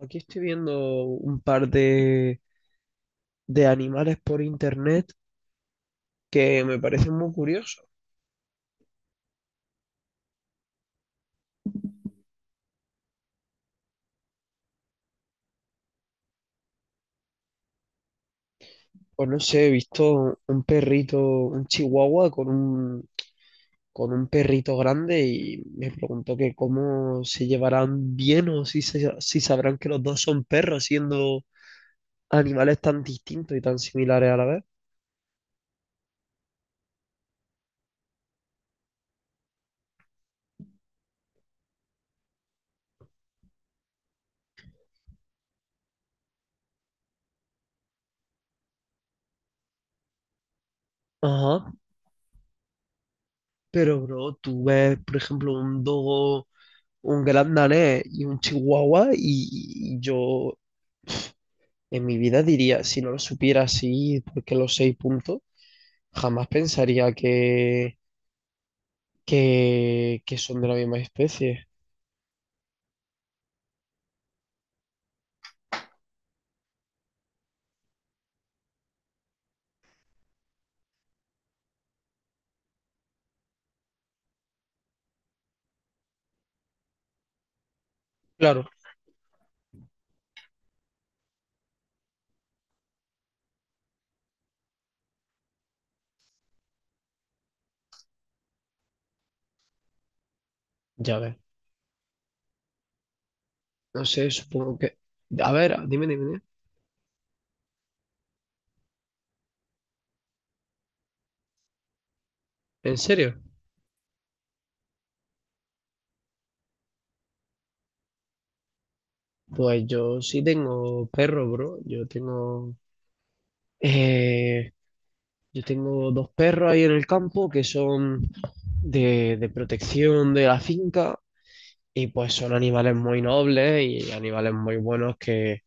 Aquí estoy viendo un par de animales por internet que me parecen muy curiosos. Pues no sé, he visto un perrito, un chihuahua con un perrito grande y me preguntó que cómo se llevarán bien o si sabrán que los dos son perros siendo animales tan distintos y tan similares a la vez. Ajá, pero bro, tú ves, por ejemplo, un dogo, un gran danés y un chihuahua, y yo en mi vida diría, si no lo supiera así, porque los seis puntos, jamás pensaría que, que son de la misma especie. Claro, ya ves. No sé, supongo que. A ver, dime, dime, dime. ¿En serio? Pues yo sí tengo perro, bro. Eh, yo tengo dos perros ahí en el campo que son de protección de la finca. Y pues son animales muy nobles y animales muy buenos que,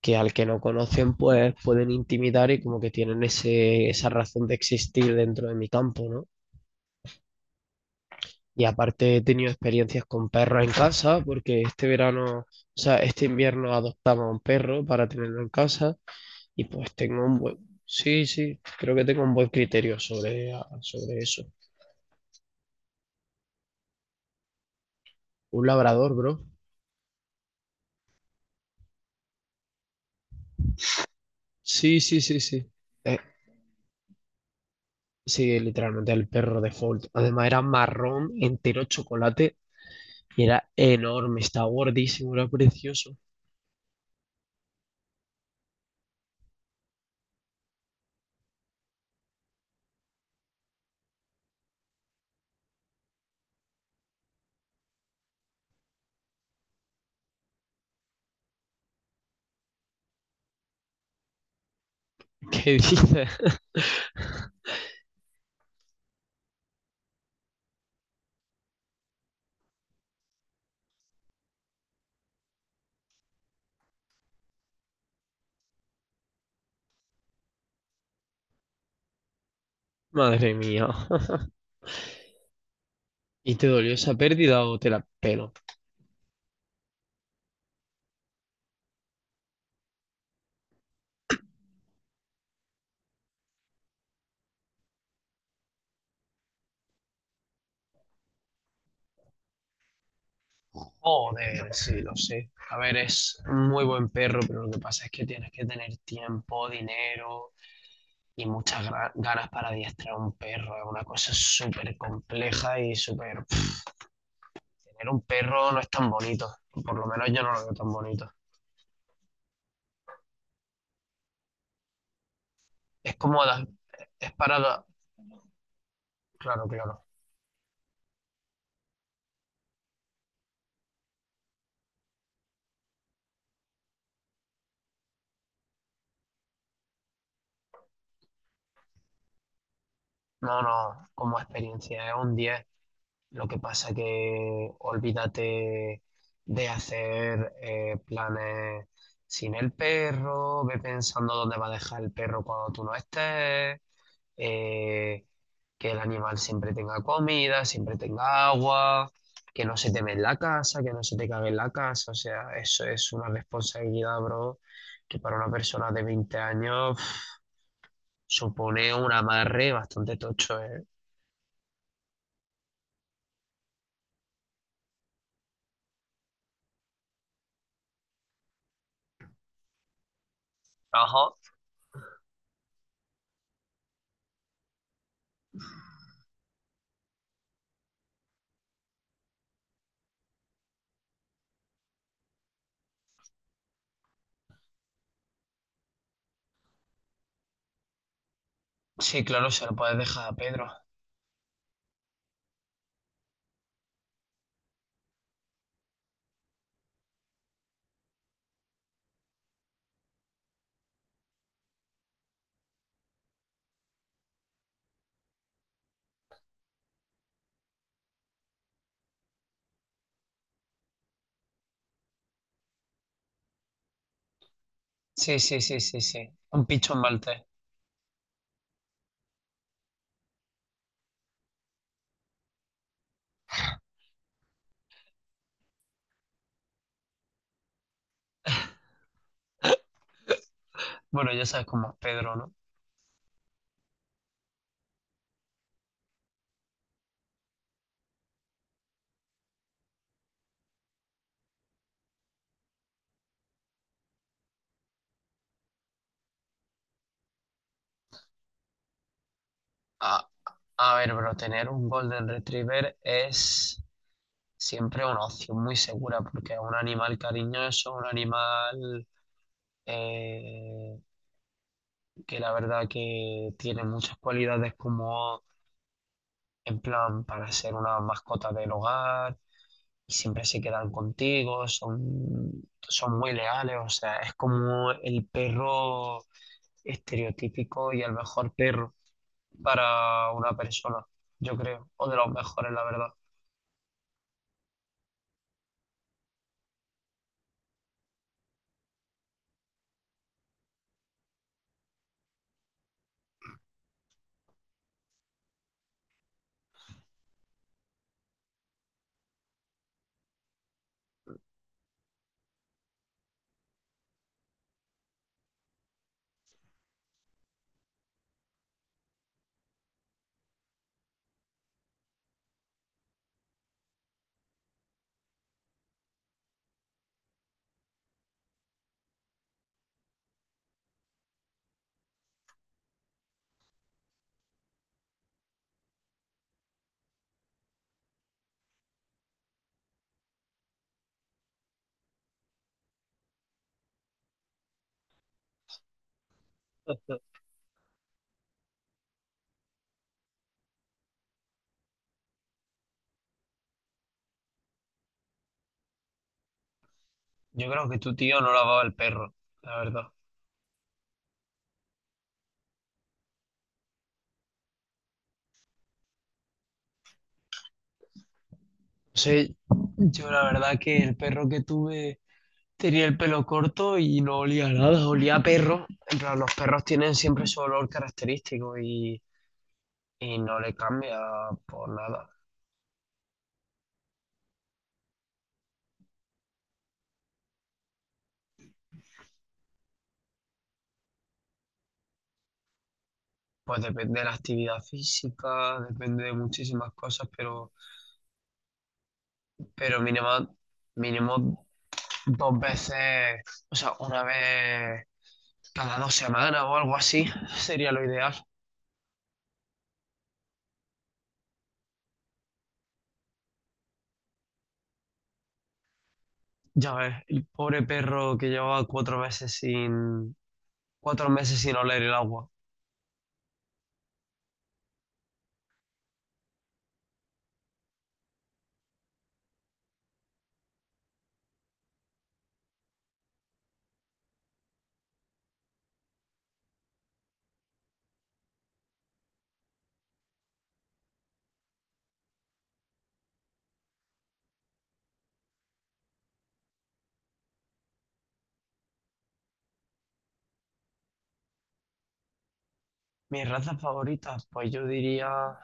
que al que no conocen pues pueden intimidar y como que tienen esa razón de existir dentro de mi campo, ¿no? Y aparte he tenido experiencias con perros en casa porque este verano, o sea, este invierno adoptaba un perro para tenerlo en casa y pues tengo un buen, sí, sí, creo que tengo un buen criterio sobre eso. Un labrador, bro. Sí, sí, sí, sí. Eh, Sí, literalmente el perro de default. Además era marrón, entero chocolate y era enorme, estaba gordísimo, era precioso. ¿Qué dices? Madre mía. ¿Y te dolió esa pérdida o te la pelo? Joder, sí, lo sé. A ver, es un muy buen perro, pero lo que pasa es que tienes que tener tiempo, dinero y muchas ganas para adiestrar un perro. Es una cosa súper compleja y súper. Tener un perro no es tan bonito. Por lo menos yo no lo veo tan bonito. Es cómoda, es para. Claro, claro. No, no, como experiencia es un 10. Lo que pasa que olvídate de hacer planes sin el perro, ve pensando dónde va a dejar el perro cuando tú no estés, eh, que el animal siempre tenga comida, siempre tenga agua, que no se te ve en la casa, que no se te cague en la casa. O sea, eso es una responsabilidad, bro, que para una persona de 20 años supone un amarre bastante tocho, ¿eh? Ajá. Sí, claro, se lo puedes dejar a Pedro. Sí, sí, sí, sí, sí. Un pichón maltés. Bueno, ya sabes cómo es Pedro, ¿no? A, a ver, pero tener un Golden Retriever es siempre una opción muy segura porque es un animal cariñoso, un animal eh, que la verdad que tiene muchas cualidades como en plan para ser una mascota del hogar y siempre se quedan contigo, son, son, muy leales, o sea, es como el perro estereotípico y el mejor perro para una persona, yo creo, o de los mejores, la verdad. Yo creo que tu tío no lavaba el perro, la verdad. Sí, yo la verdad que el perro que tuve tenía el pelo corto y no olía a nada, olía a perro. En plan, los perros tienen siempre su olor característico y no le cambia por nada. Pues depende de la actividad física, depende de muchísimas cosas, pero, mínimo, mínimo dos veces, o sea, una vez cada 2 semanas o algo así, sería lo ideal. Ya ves, el pobre perro que llevaba 4 meses sin, 4 meses sin oler el agua. Mis razas favoritas, pues yo diría,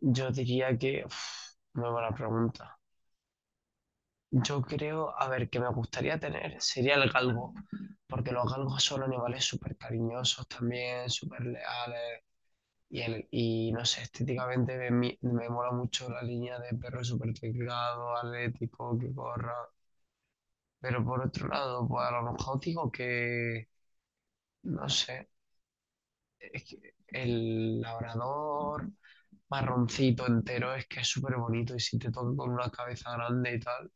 yo diría que, uf, muy buena pregunta. Yo creo, a ver, que me gustaría tener sería el galgo, porque los galgos son animales súper cariñosos también, súper leales, y no sé, estéticamente me mola mucho la línea de perro súper delgado, atlético, que corra, pero por otro lado, pues a lo mejor digo que, no sé, es que el labrador marroncito entero es que es súper bonito y si te toca con una cabeza grande y tal.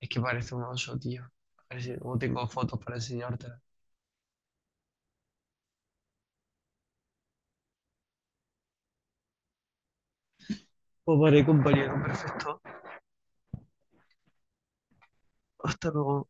Es que parece un oso, tío. A ver si luego tengo fotos para enseñártela. Pues vale, compañero, perfecto. Hasta luego.